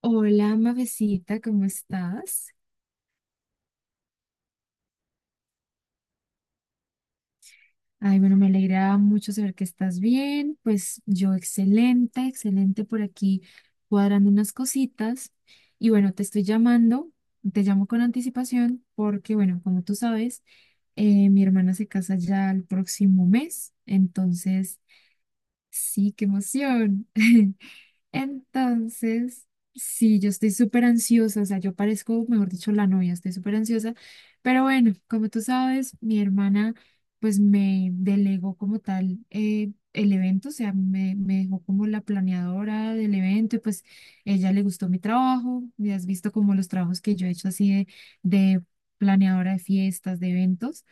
Hola, mavecita, ¿cómo estás? Ay, bueno, me alegra mucho saber que estás bien. Pues yo excelente, excelente por aquí cuadrando unas cositas. Y bueno, te llamo con anticipación porque, bueno, como tú sabes, mi hermana se casa ya el próximo mes. Entonces, sí, qué emoción. Entonces, sí, yo estoy súper ansiosa, o sea, yo parezco, mejor dicho, la novia, estoy súper ansiosa, pero bueno, como tú sabes, mi hermana pues me delegó como tal el evento, o sea, me dejó como la planeadora del evento y pues ella le gustó mi trabajo, y has visto como los trabajos que yo he hecho así de planeadora de fiestas, de eventos.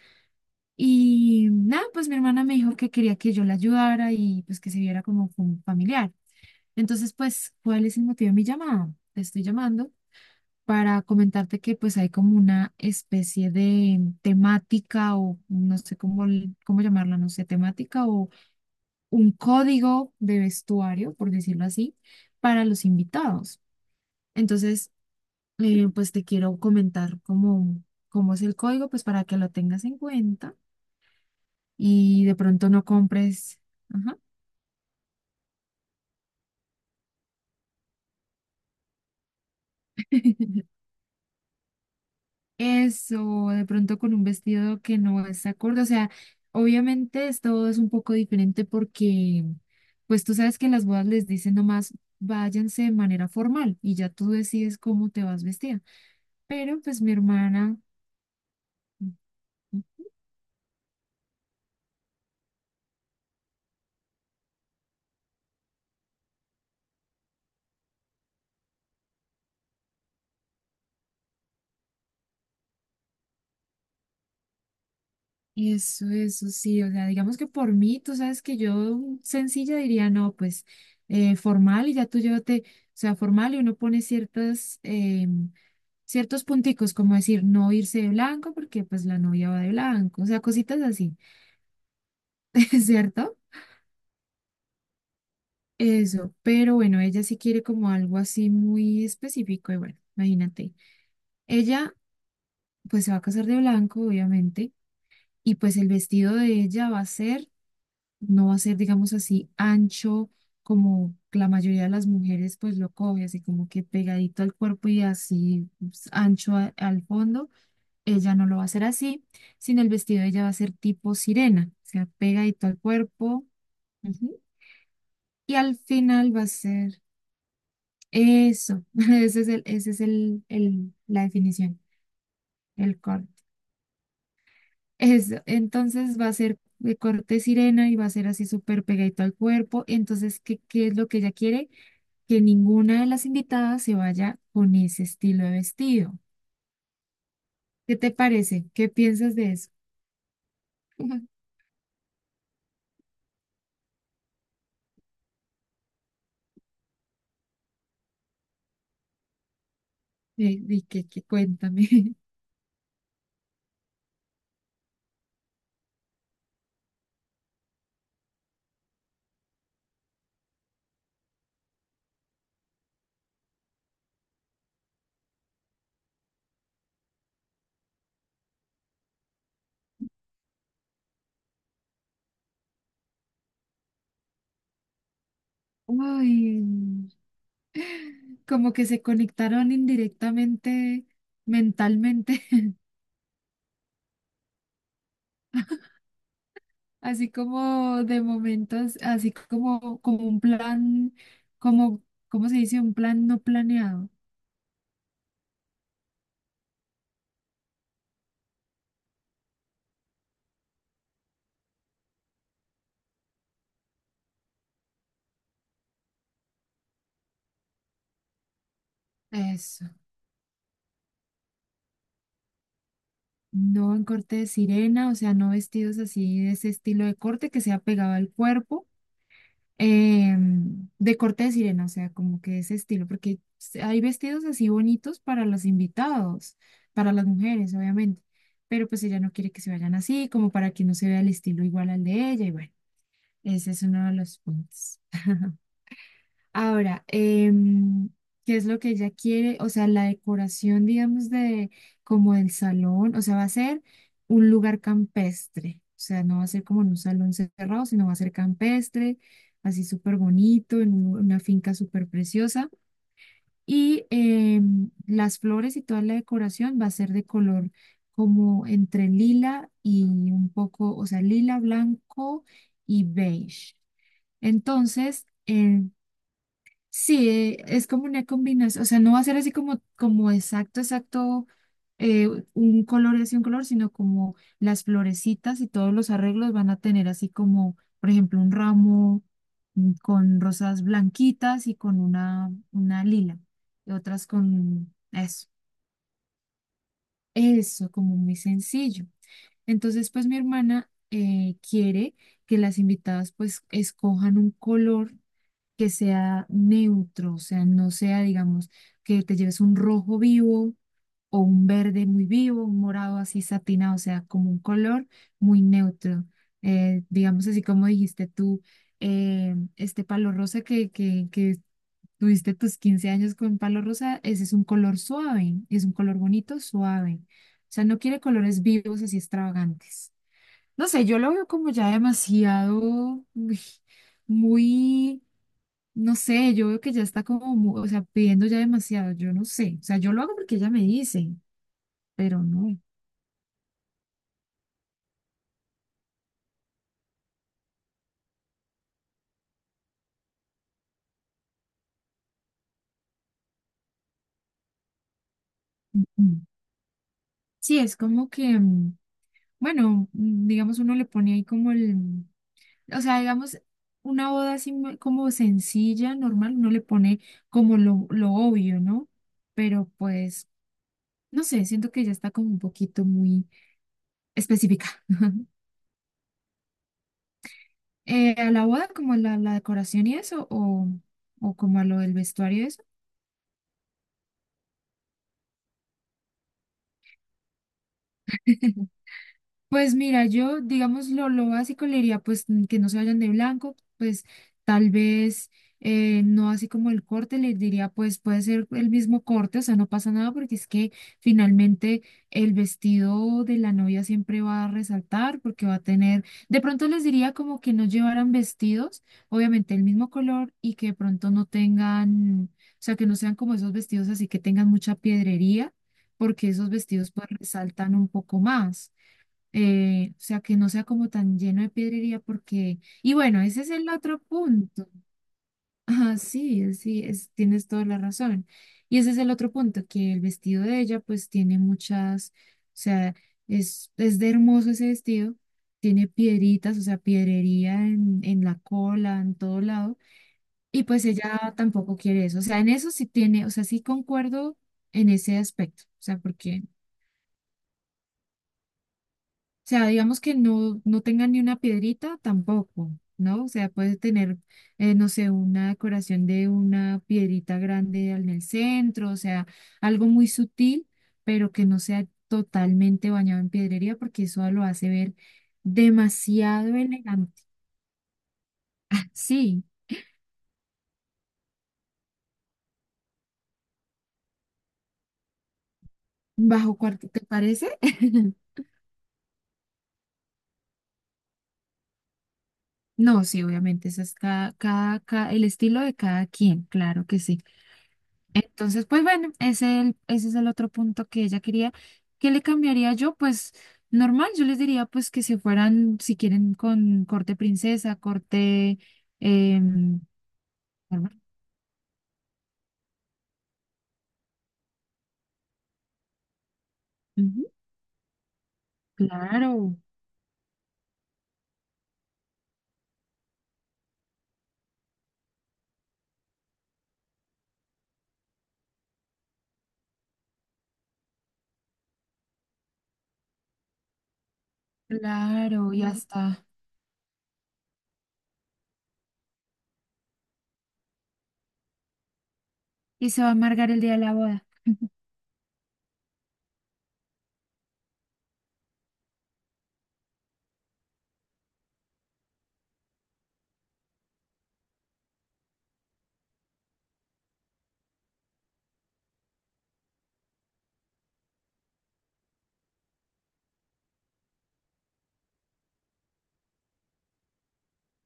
Y nada, pues mi hermana me dijo que quería que yo la ayudara y pues que se viera como familiar. Entonces, pues, ¿cuál es el motivo de mi llamada? Te estoy llamando para comentarte que pues hay como una especie de temática o no sé cómo, cómo llamarla, no sé, temática o un código de vestuario, por decirlo así, para los invitados. Entonces, pues te quiero comentar cómo, cómo es el código, pues para que lo tengas en cuenta y de pronto no compres. Ajá. Eso, de pronto con un vestido que no es acorde. O sea, obviamente todo es un poco diferente porque, pues tú sabes que en las bodas les dicen nomás váyanse de manera formal y ya tú decides cómo te vas vestida. Pero pues mi hermana, ujú. Eso sí, o sea, digamos que por mí, tú sabes que yo sencilla diría, no, pues formal y ya tú llévate, o sea, formal y uno pone ciertos punticos, como decir, no irse de blanco porque pues la novia va de blanco, o sea, cositas así, ¿cierto? Eso, pero bueno, ella sí quiere como algo así muy específico y bueno, imagínate, ella pues se va a casar de blanco, obviamente, y pues el vestido de ella va a ser... no va a ser, digamos así, ancho como la mayoría de las mujeres pues lo coge, así como que pegadito al cuerpo y así pues, ancho al fondo. Ella no lo va a hacer así, sino el vestido de ella va a ser tipo sirena, o sea, pegadito al cuerpo. Ujú. Y al final va a ser eso. Ese es la definición, el corte. Eso, entonces va a ser de corte sirena y va a ser así súper pegadito al cuerpo. Entonces, ¿qué es lo que ella quiere? Que ninguna de las invitadas se vaya con ese estilo de vestido. ¿Qué te parece? ¿Qué piensas de eso? ¿Y qué? Cuéntame. Uy, como que se conectaron indirectamente, mentalmente, así como de momentos, así como, como un plan, como, ¿cómo se dice? Un plan no planeado. Eso. No en corte de sirena, o sea, no vestidos así de ese estilo de corte que sea pegado al cuerpo, eh, de corte de sirena, o sea, como que ese estilo, porque hay vestidos así bonitos para los invitados, para las mujeres, obviamente, pero pues ella no quiere que se vayan así, como para que no se vea el estilo igual al de ella, y bueno, ese es uno de los puntos. Ahora, ¿qué es lo que ella quiere? O sea, la decoración, digamos, de como del salón, o sea, va a ser un lugar campestre. O sea, no va a ser como en un salón cerrado, sino va a ser campestre, así súper bonito, en una finca súper preciosa. Y las flores y toda la decoración va a ser de color como entre lila y un poco, o sea, lila, blanco y beige. Entonces, sí, es como una combinación, o sea, no va a ser así como, como exacto, exacto, eh, un color y así un color, sino como las florecitas y todos los arreglos van a tener así como, por ejemplo, un ramo, con rosas blanquitas y con una lila, y otras con eso, eso, como muy sencillo. Entonces, pues mi hermana quiere que las invitadas pues escojan un color que sea neutro, o sea, no sea, digamos, que te lleves un rojo vivo o un verde muy vivo, un morado así satinado, o sea, como un color muy neutro. Digamos así como dijiste tú, este palo rosa que tuviste tus 15 años con palo rosa, ese es un color suave, es un color bonito, suave. O sea, no quiere colores vivos así extravagantes. No sé, yo lo veo como ya demasiado, uy, muy no sé, yo veo que ya está como, o sea, pidiendo ya demasiado, yo no sé, o sea, yo lo hago porque ella me dice, pero no. Mm. Sí, es como que, mm, bueno, mm, digamos, uno le pone ahí como el, o sea, digamos, una boda así como sencilla, normal, uno le pone como lo obvio, ¿no? Pero pues, no sé, siento que ya está como un poquito muy específica. ¿A la boda como a la decoración y eso, o como a lo del vestuario y eso? Pues mira, yo, digamos, lo básico le diría, pues, mm, que no se vayan de blanco, pues, tal vez, no así como el corte, le diría, pues, puede ser el mismo corte, o sea, no pasa nada, porque es que finalmente el vestido de la novia siempre va a resaltar, porque va a tener, de pronto les diría como que no llevaran vestidos, obviamente el mismo color, y que de pronto no tengan, o sea, que no sean como esos vestidos así que tengan mucha piedrería, porque esos vestidos, pues, resaltan un poco más, o sea, que no sea como tan lleno de piedrería porque, y bueno, ese es el otro punto. Ah, sí, sí, es, tienes toda la razón. Y ese es el otro punto, que el vestido de ella pues tiene muchas, o sea, es de hermoso ese vestido, tiene piedritas, o sea, piedrería en la cola, en todo lado, y pues ella tampoco quiere eso. O sea, en eso sí tiene, o sea, sí concuerdo en ese aspecto, o sea, porque... O sea, digamos que no, no tenga ni una piedrita tampoco, ¿no? O sea, puede tener, no sé, una decoración de una piedrita grande en el centro, o sea, algo muy sutil, pero que no sea totalmente bañado en piedrería, porque eso lo hace ver demasiado elegante. Sí, bajo cuarto, ¿te parece? No, sí, obviamente, eso es el estilo de cada quien, claro que sí. Entonces, pues bueno, ese, ese es el otro punto que ella quería. ¿Qué le cambiaría yo? Pues normal, yo les diría pues que se fueran, si quieren, con corte princesa, corte... em, normal. Ujú. Claro, claro, ya está. Y se va a amargar el día de la boda.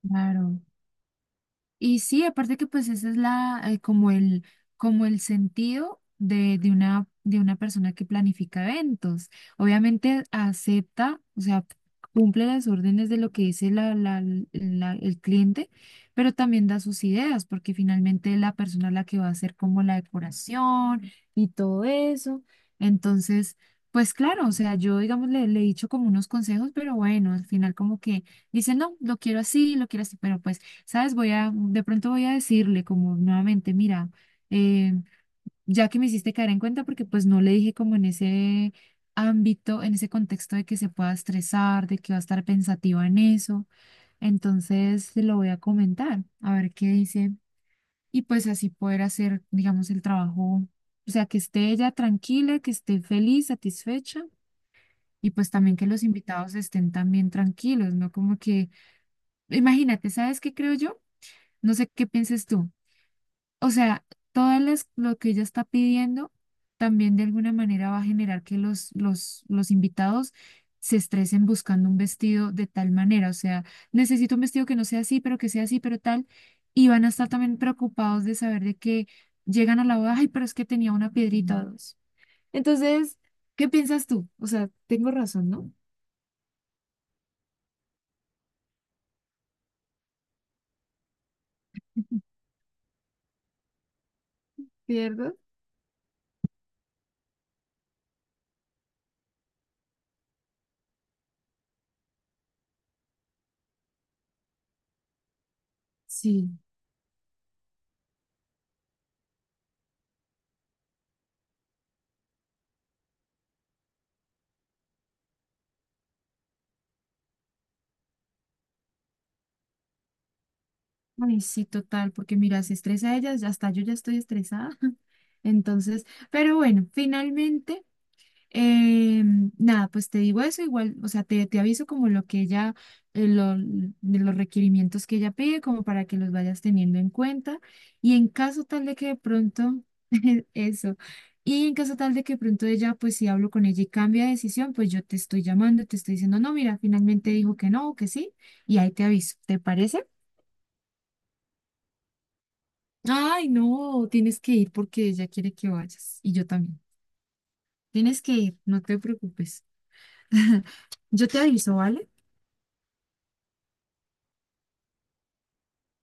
Claro. Y sí, aparte que pues ese es la, como el sentido de una persona que planifica eventos. Obviamente acepta, o sea, cumple las órdenes de lo que dice el cliente, pero también da sus ideas, porque finalmente es la persona la que va a hacer como la decoración y todo eso. Entonces, pues claro, o sea, yo digamos le, le he dicho como unos consejos, pero bueno, al final como que dice, no, lo quiero así, pero pues... ¿Sabes? De pronto voy a decirle como nuevamente, mira, eh, ya que me hiciste caer en cuenta, porque pues no le dije como en ese ámbito, en ese contexto de que se pueda estresar, de que va a estar pensativa en eso, entonces se lo voy a comentar, a ver qué dice, y pues así poder hacer, digamos, el trabajo, o sea, que esté ella tranquila, que esté feliz, satisfecha, y pues también que los invitados estén también tranquilos, ¿no? Como que, imagínate, ¿sabes qué creo yo? No sé qué pienses tú. O sea, todo lo que ella está pidiendo también de alguna manera va a generar que los invitados se estresen buscando un vestido de tal manera. O sea, necesito un vestido que no sea así, pero que sea así, pero tal. Y van a estar también preocupados de saber de que llegan a la boda, ay, pero es que tenía una piedrita o dos. Entonces, ¿qué piensas tú? O sea, tengo razón, ¿no? ¿Pierdo? Sí. Ay, sí, total, porque mira, se estresa ella, ya hasta yo ya estoy estresada. Entonces, pero bueno, finalmente, eh, nada, pues te digo eso igual, o sea, te aviso como lo que ella, de los requerimientos que ella pide, como para que los vayas teniendo en cuenta. Y en caso tal de que de pronto, eso, y en caso tal de que de pronto ella, pues si hablo con ella y cambia de decisión, pues yo te estoy llamando, te estoy diciendo, no, mira, finalmente dijo que no, que sí, y ahí te aviso, ¿te parece? Ay, no, tienes que ir porque ella quiere que vayas y yo también. Tienes que ir, no te preocupes. Yo te aviso, ¿vale?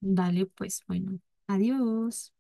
Dale, pues, bueno, adiós.